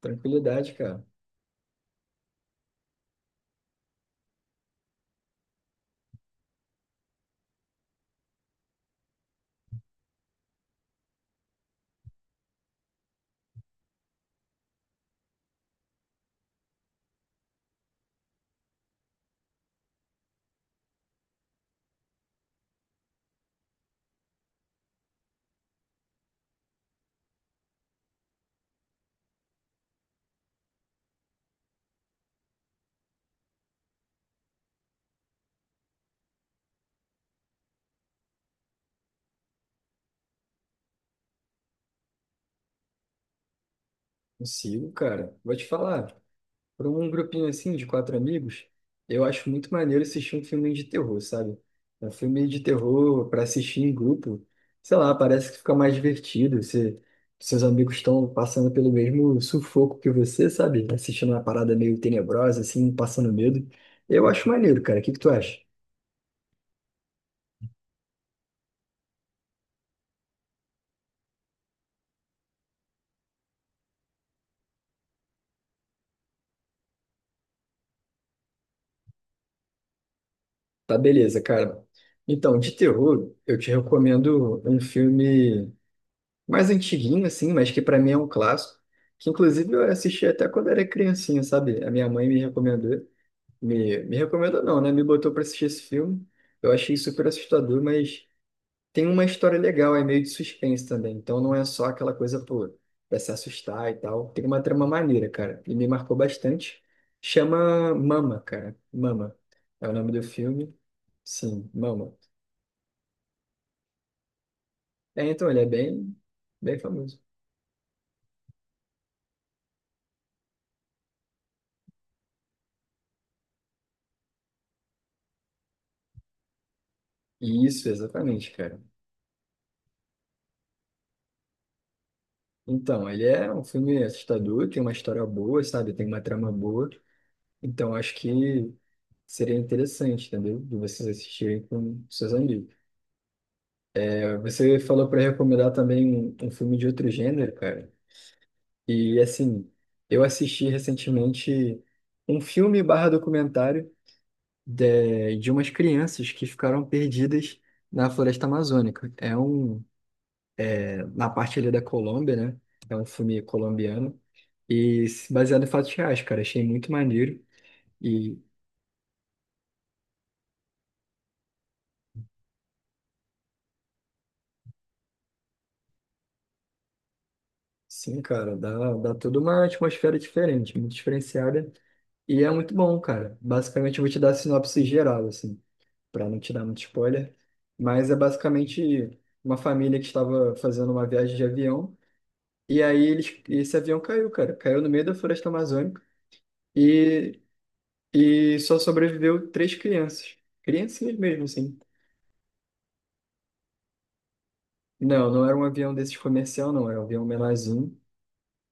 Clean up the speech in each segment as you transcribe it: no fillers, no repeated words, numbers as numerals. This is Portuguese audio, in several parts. Tranquilidade, cara. Consigo, cara. Vou te falar, para um grupinho assim de quatro amigos, eu acho muito maneiro assistir um filme de terror, sabe? Um filme de terror para assistir em grupo, sei lá, parece que fica mais divertido. Você, seus amigos estão passando pelo mesmo sufoco que você, sabe? Assistindo uma parada meio tenebrosa, assim, passando medo. Eu acho maneiro, cara. O que que tu acha? Tá, beleza, cara. Então, de terror, eu te recomendo um filme mais antiguinho, assim, mas que pra mim é um clássico, que inclusive eu assisti até quando era criancinha, sabe? A minha mãe me recomendou, me recomendou não, né? Me botou pra assistir esse filme, eu achei super assustador, mas tem uma história legal, é meio de suspense também, então não é só aquela coisa, pô, pra se assustar e tal, tem uma trama maneira, cara, e me marcou bastante, chama Mama, cara, Mama, é o nome do filme, sim, Mama. É, então ele é bem, bem famoso. Isso, exatamente, cara. Então, ele é um filme assustador, tem uma história boa, sabe? Tem uma trama boa. Então, acho que seria interessante, entendeu? De vocês assistirem com seus amigos. É, você falou para recomendar também um filme de outro gênero, cara. E, assim, eu assisti recentemente um filme barra documentário de umas crianças que ficaram perdidas na floresta amazônica. É um na parte ali da Colômbia, né? É um filme colombiano. E se baseado em fatos reais, cara. Achei muito maneiro. E sim, cara, dá, dá toda uma atmosfera diferente, muito diferenciada. E é muito bom, cara. Basicamente, eu vou te dar a sinopse geral, assim, para não te dar muito spoiler. Mas é basicamente uma família que estava fazendo uma viagem de avião. E aí eles, esse avião caiu, cara. Caiu no meio da floresta amazônica. E, e só sobreviveu três crianças. Criancinhas mesmo, assim. Não, não era um avião desses comercial, não. Era um avião menorzinho.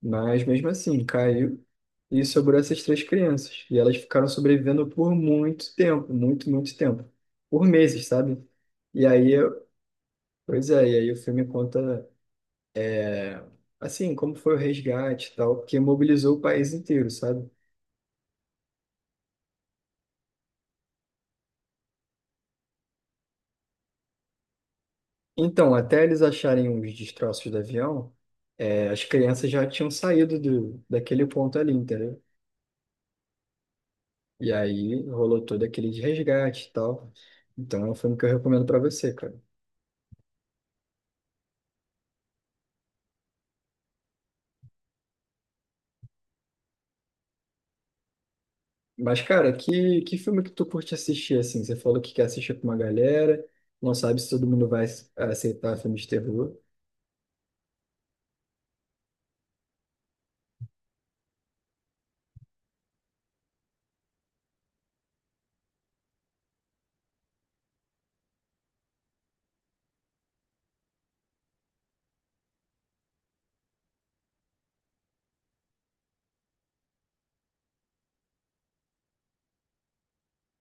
Mas mesmo assim, caiu e sobrou essas três crianças. E elas ficaram sobrevivendo por muito tempo, muito, muito tempo. Por meses, sabe? E aí, eu- Pois é, e aí o filme conta, é, assim, como foi o resgate e tal, que mobilizou o país inteiro, sabe? Então, até eles acharem os destroços do avião, as crianças já tinham saído do, daquele ponto ali, entendeu? E aí rolou todo aquele de resgate e tal. Então é um filme que eu recomendo pra você, cara. Mas, cara, que filme que tu curte assistir, assim? Você falou que quer assistir com uma galera, não sabe se todo mundo vai aceitar filme de terror.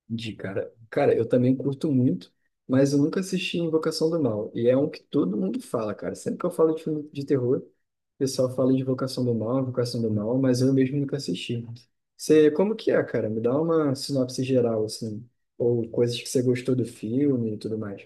De cara. Cara, eu também curto muito, mas eu nunca assisti Invocação do Mal. E é um que todo mundo fala, cara. Sempre que eu falo de filme de terror, o pessoal fala de Invocação do Mal, mas eu mesmo nunca assisti. Você, como que é, cara? Me dá uma sinopse geral, assim. Ou coisas que você gostou do filme e tudo mais.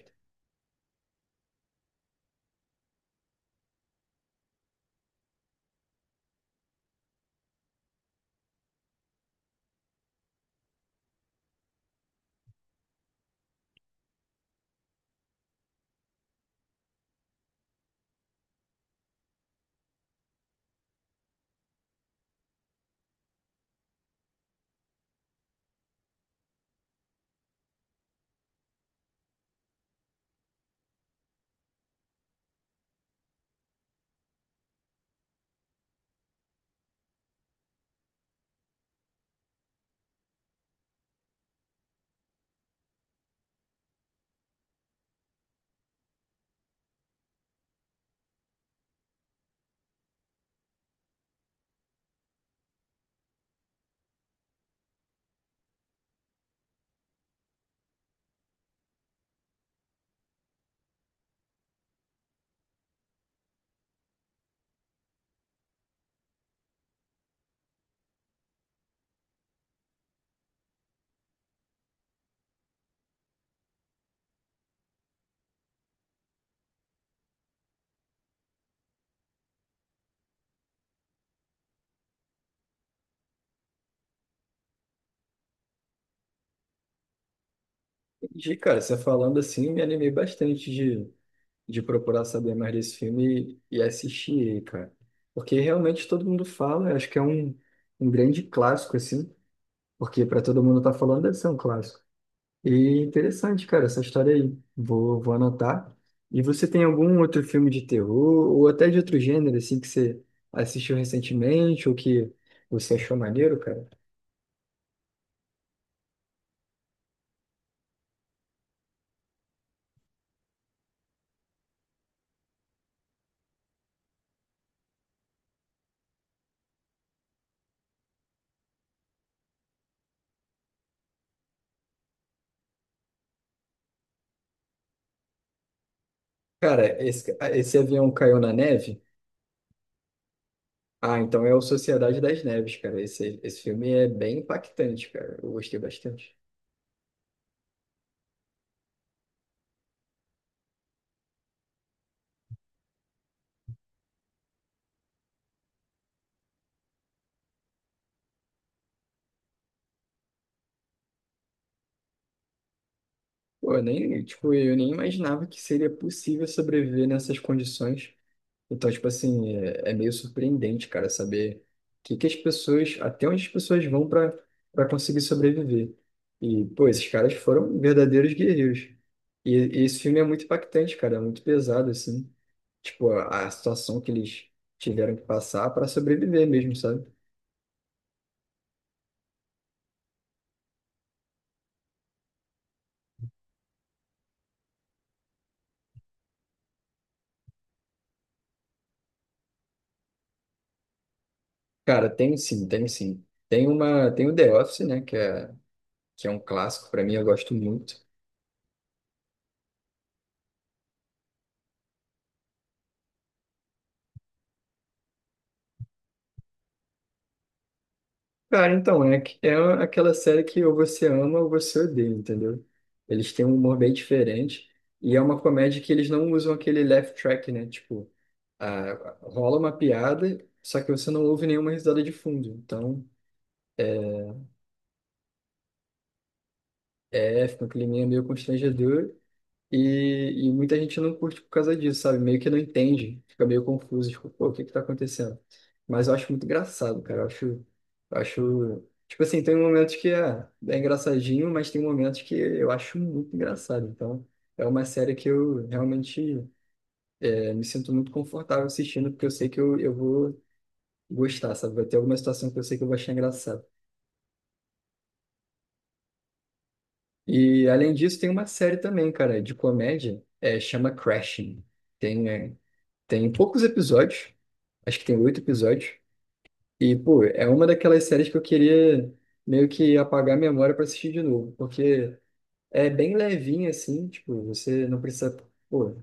Entendi, cara. Você falando assim, me animei bastante de procurar saber mais desse filme e assistir ele, cara. Porque realmente todo mundo fala, acho que é um, um grande clássico, assim, porque para todo mundo tá falando deve ser um clássico. E interessante, cara, essa história aí. Vou, vou anotar. E você tem algum outro filme de terror ou até de outro gênero assim que você assistiu recentemente ou que você achou maneiro, cara? Cara, esse avião caiu na neve? Ah, então é o Sociedade das Neves, cara. Esse filme é bem impactante, cara. Eu gostei bastante. Pô, eu nem, tipo, eu nem imaginava que seria possível sobreviver nessas condições. Então, tipo assim, é, é meio surpreendente, cara, saber que as pessoas, até onde as pessoas vão para conseguir sobreviver. E, pô, esses caras foram verdadeiros guerreiros. E esse filme é muito impactante, cara, é muito pesado, assim. Tipo, a situação que eles tiveram que passar para sobreviver mesmo, sabe? Cara, tem sim, tem sim. Tem uma, tem o The Office, né, que é um clássico, para mim, eu gosto muito. Cara, então, é, é aquela série que ou você ama ou você odeia, entendeu? Eles têm um humor bem diferente e é uma comédia que eles não usam aquele laugh track, né? Tipo, a, rola uma piada, só que você não ouve nenhuma risada de fundo. Então, é, fica um climinha meio constrangedor. E muita gente não curte por causa disso, sabe? Meio que não entende, fica meio confuso, tipo, pô, o que que tá acontecendo? Mas eu acho muito engraçado, cara. Eu acho, tipo assim, tem momentos que é, é engraçadinho, mas tem momentos que eu acho muito engraçado. Então, é uma série que eu realmente me sinto muito confortável assistindo, porque eu sei que eu vou gostar, sabe? Vai ter alguma situação que eu sei que eu vou achar engraçado. E, além disso, tem uma série também, cara, de comédia, é, chama Crashing. Tem, é, Tem poucos episódios, acho que tem oito episódios. E, pô, é uma daquelas séries que eu queria meio que apagar a memória pra assistir de novo, porque é bem levinha, assim, tipo, você não precisa, pô,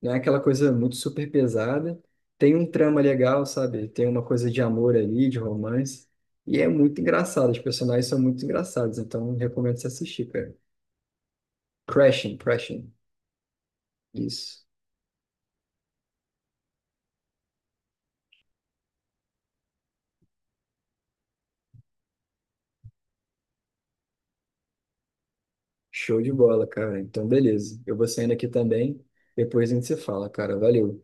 não é aquela coisa muito super pesada. Tem um trama legal, sabe? Tem uma coisa de amor ali, de romance. E é muito engraçado, os personagens são muito engraçados, então recomendo você assistir, cara. Crashing, Crashing. Isso. Show de bola, cara. Então, beleza. Eu vou saindo aqui também. Depois a gente se fala, cara. Valeu.